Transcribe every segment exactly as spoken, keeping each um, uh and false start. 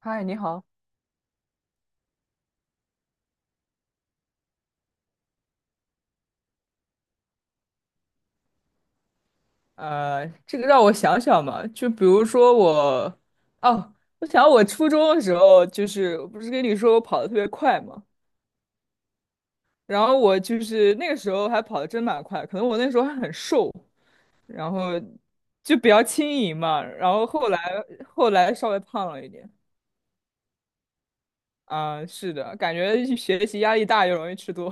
嗨，你好，呃，这个让我想想嘛，就比如说我，哦，我想我初中的时候，就是我不是跟你说我跑得特别快嘛，然后我就是那个时候还跑得真蛮快，可能我那时候还很瘦，然后就比较轻盈嘛，然后后来后来稍微胖了一点，啊、是的，感觉学习压力大又容易吃多，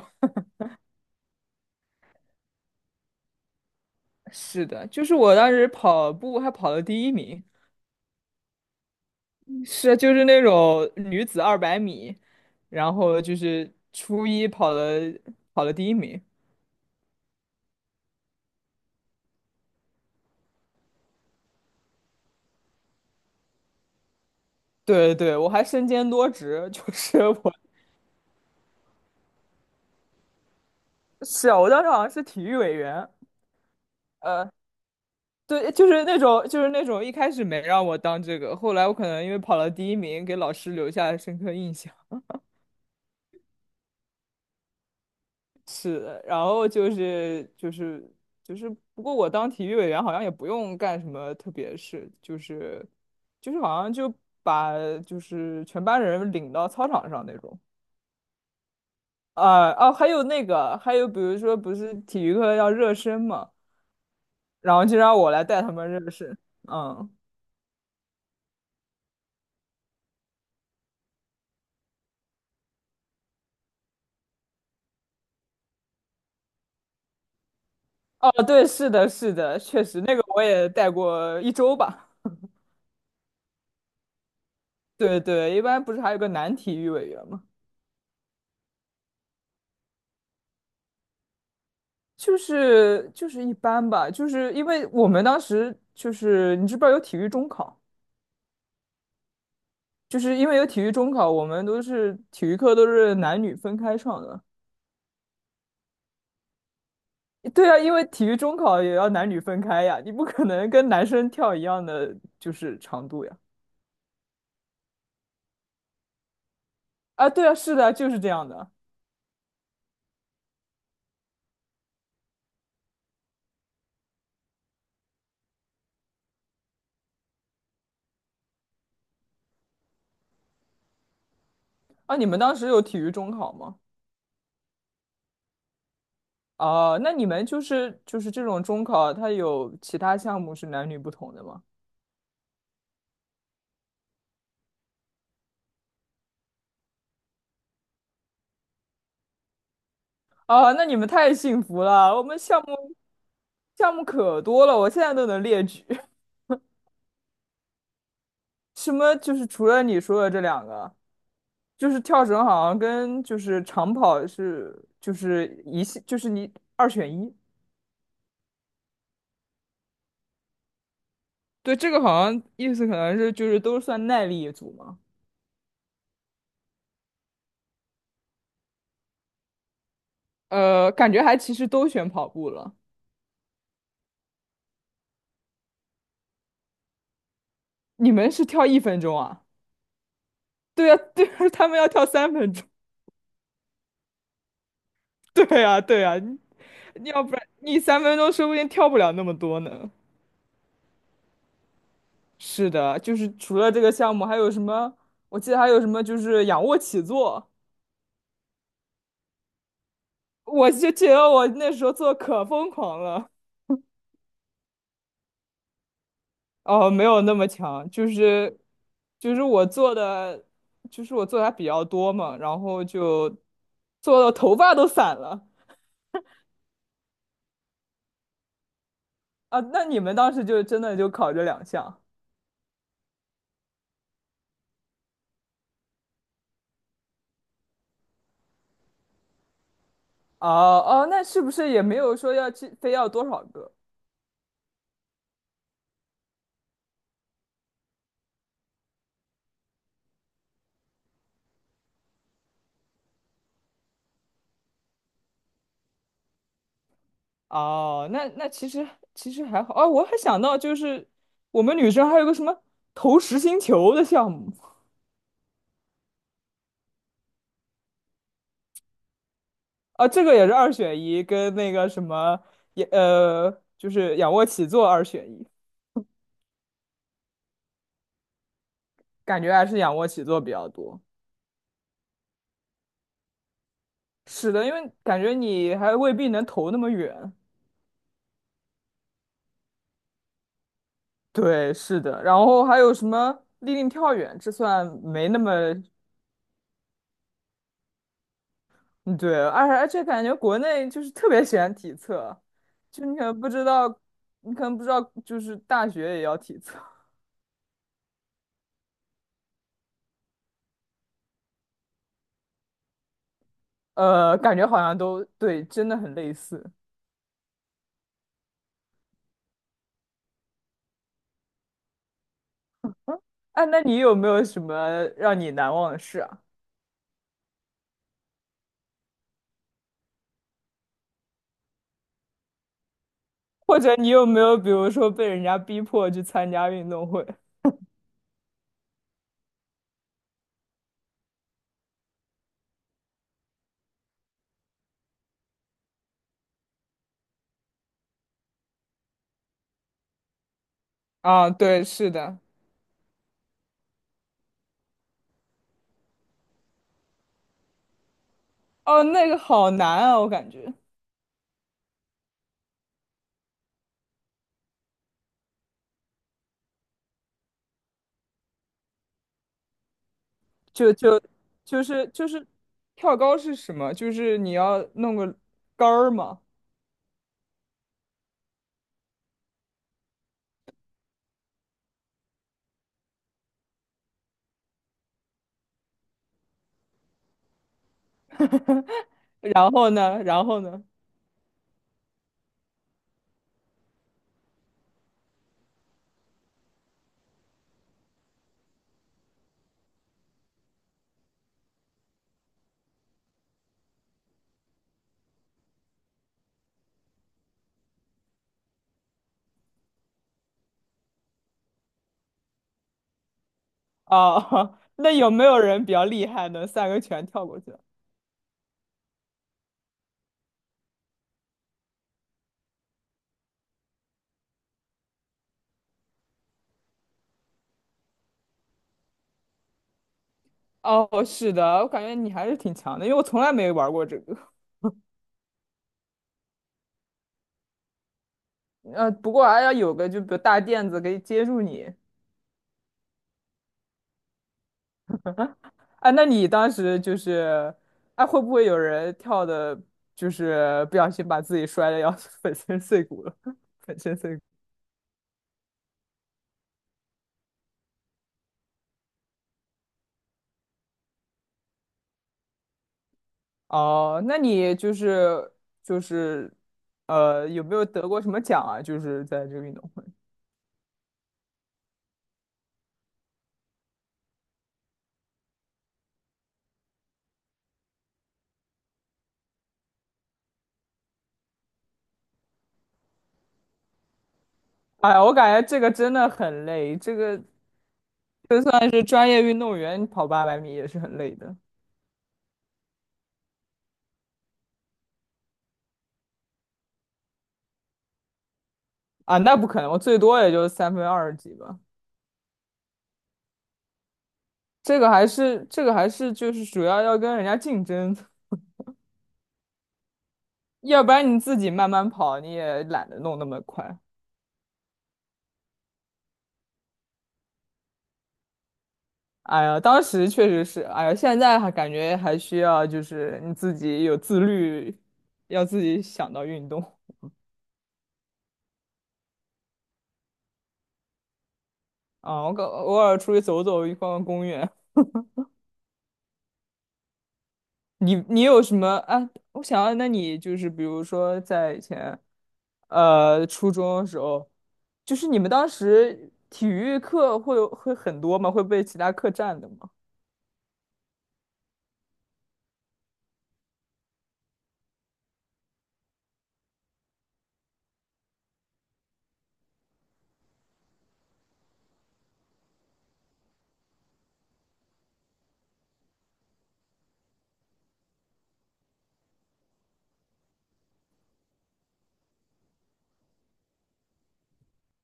是的，就是我当时跑步还跑了第一名。是就是那种女子二百米，然后就是初一跑了跑了第一名。对对，对，我还身兼多职，就是我是啊，我当时好像是体育委员。对，就是那种就是那种一开始没让我当这个，后来我可能因为跑了第一名，给老师留下了深刻印象。是的，然后就是就是就是，不过我当体育委员好像也不用干什么特别事，就是就是好像就把就是全班人领到操场上那种。啊哦，还有那个，还有比如说不是体育课要热身嘛，然后就让我来带他们热身。嗯，哦对，是的，是的，确实那个我也带过一周吧。对对，一般不是还有个男体育委员吗？就是就是一般吧，就是因为我们当时就是你知不知道有体育中考，就是因为有体育中考，我们都是体育课都是男女分开上的。对啊，因为体育中考也要男女分开呀，你不可能跟男生跳一样的就是长度呀。啊，对啊，是的，就是这样的。啊，你们当时有体育中考吗？啊，那你们就是就是这种中考，它有其他项目是男女不同的吗？啊，那你们太幸福了，我们项目。项目可多了，我现在都能列举。什么就是除了你说的这两个，就是跳绳好像跟就是长跑是就是一系就是你二选一。对，这个好像意思可能是就是都算耐力一组嘛。呃，感觉还其实都选跑步了。你们是跳一分钟啊？对呀，对呀，他们要跳三分钟。对呀，对呀，你要不然你三分钟说不定跳不了那么多呢。是的，就是除了这个项目，还有什么？我记得还有什么，就是仰卧起坐，我就觉得我那时候做可疯狂了。哦，没有那么强，就是就是我做的，就是我做的还比较多嘛，然后就做到头发都散了啊。那你们当时就真的就考这两项？哦哦，那是不是也没有说要去非要多少个？哦，那那其实其实还好啊，我还想到就是我们女生还有个什么投实心球的项目啊，这个也是二选一，跟那个什么也呃就是仰卧起坐二选一，感觉还是仰卧起坐比较多。是的，因为感觉你还未必能投那么远。对，是的。然后还有什么立定跳远，这算没那么嗯对，而且而且感觉国内就是特别喜欢体测，就你可能不知道，你可能不知道，就是大学也要体测，呃，感觉好像都对，真的很类似。哎，那你有没有什么让你难忘的事啊？或者你有没有比如说被人家逼迫去参加运动会？啊，对，是的。哦，那个好难啊，我感觉，就就就是就是跳高是什么？就是你要弄个杆儿嘛，然后呢，然后呢？哦，那有没有人比较厉害，能三个全跳过去？哦，是的，我感觉你还是挺强的，因为我从来没玩过这个。呃，不过还要有个就比如大垫子可以接住你。哎，那你当时就是，哎，会不会有人跳的，就是不小心把自己摔的要 粉身碎骨了？粉身碎骨。哦，那你就是就是，呃，有没有得过什么奖啊？就是在这个运动会。哎呀，我感觉这个真的很累，这个。就算是专业运动员跑八百米也是很累的啊，那不可能，我最多也就三分二十几吧。这个还是这个还是就是主要要跟人家竞争，要不然你自己慢慢跑你也懒得弄那么快。哎呀，当时确实是，哎呀，现在还感觉还需要就是你自己有自律，要自己想到运动啊。我偶偶尔出去走走，逛逛公园，你你有什么啊？我想要，那你就是比如说在以前，呃，初中的时候，就是你们当时体育课会有会很多吗？会被其他课占的吗？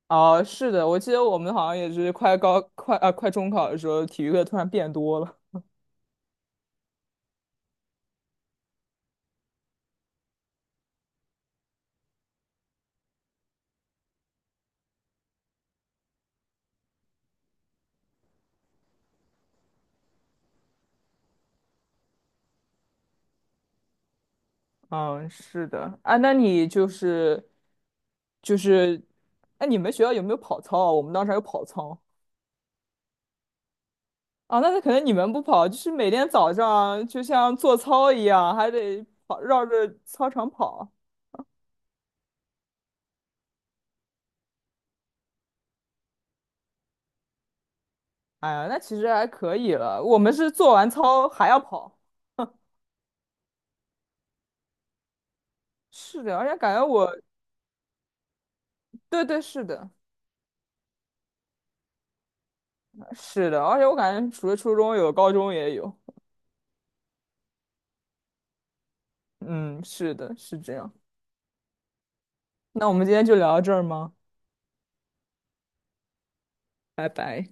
哦，是的，我记得我们好像也是快高快啊快中考的时候，体育课突然变多了。嗯，是的啊，那你就是就是，哎，你们学校有没有跑操啊？我们当时还有跑操。啊，那是可能你们不跑，就是每天早上就像做操一样，还得跑，绕着操场跑。哎呀，那其实还可以了。我们是做完操还要跑。是的，而且感觉我，对对，是的，是的，而且我感觉除了初中有，高中也有。嗯，是的，是这样。那我们今天就聊到这儿吗？拜拜。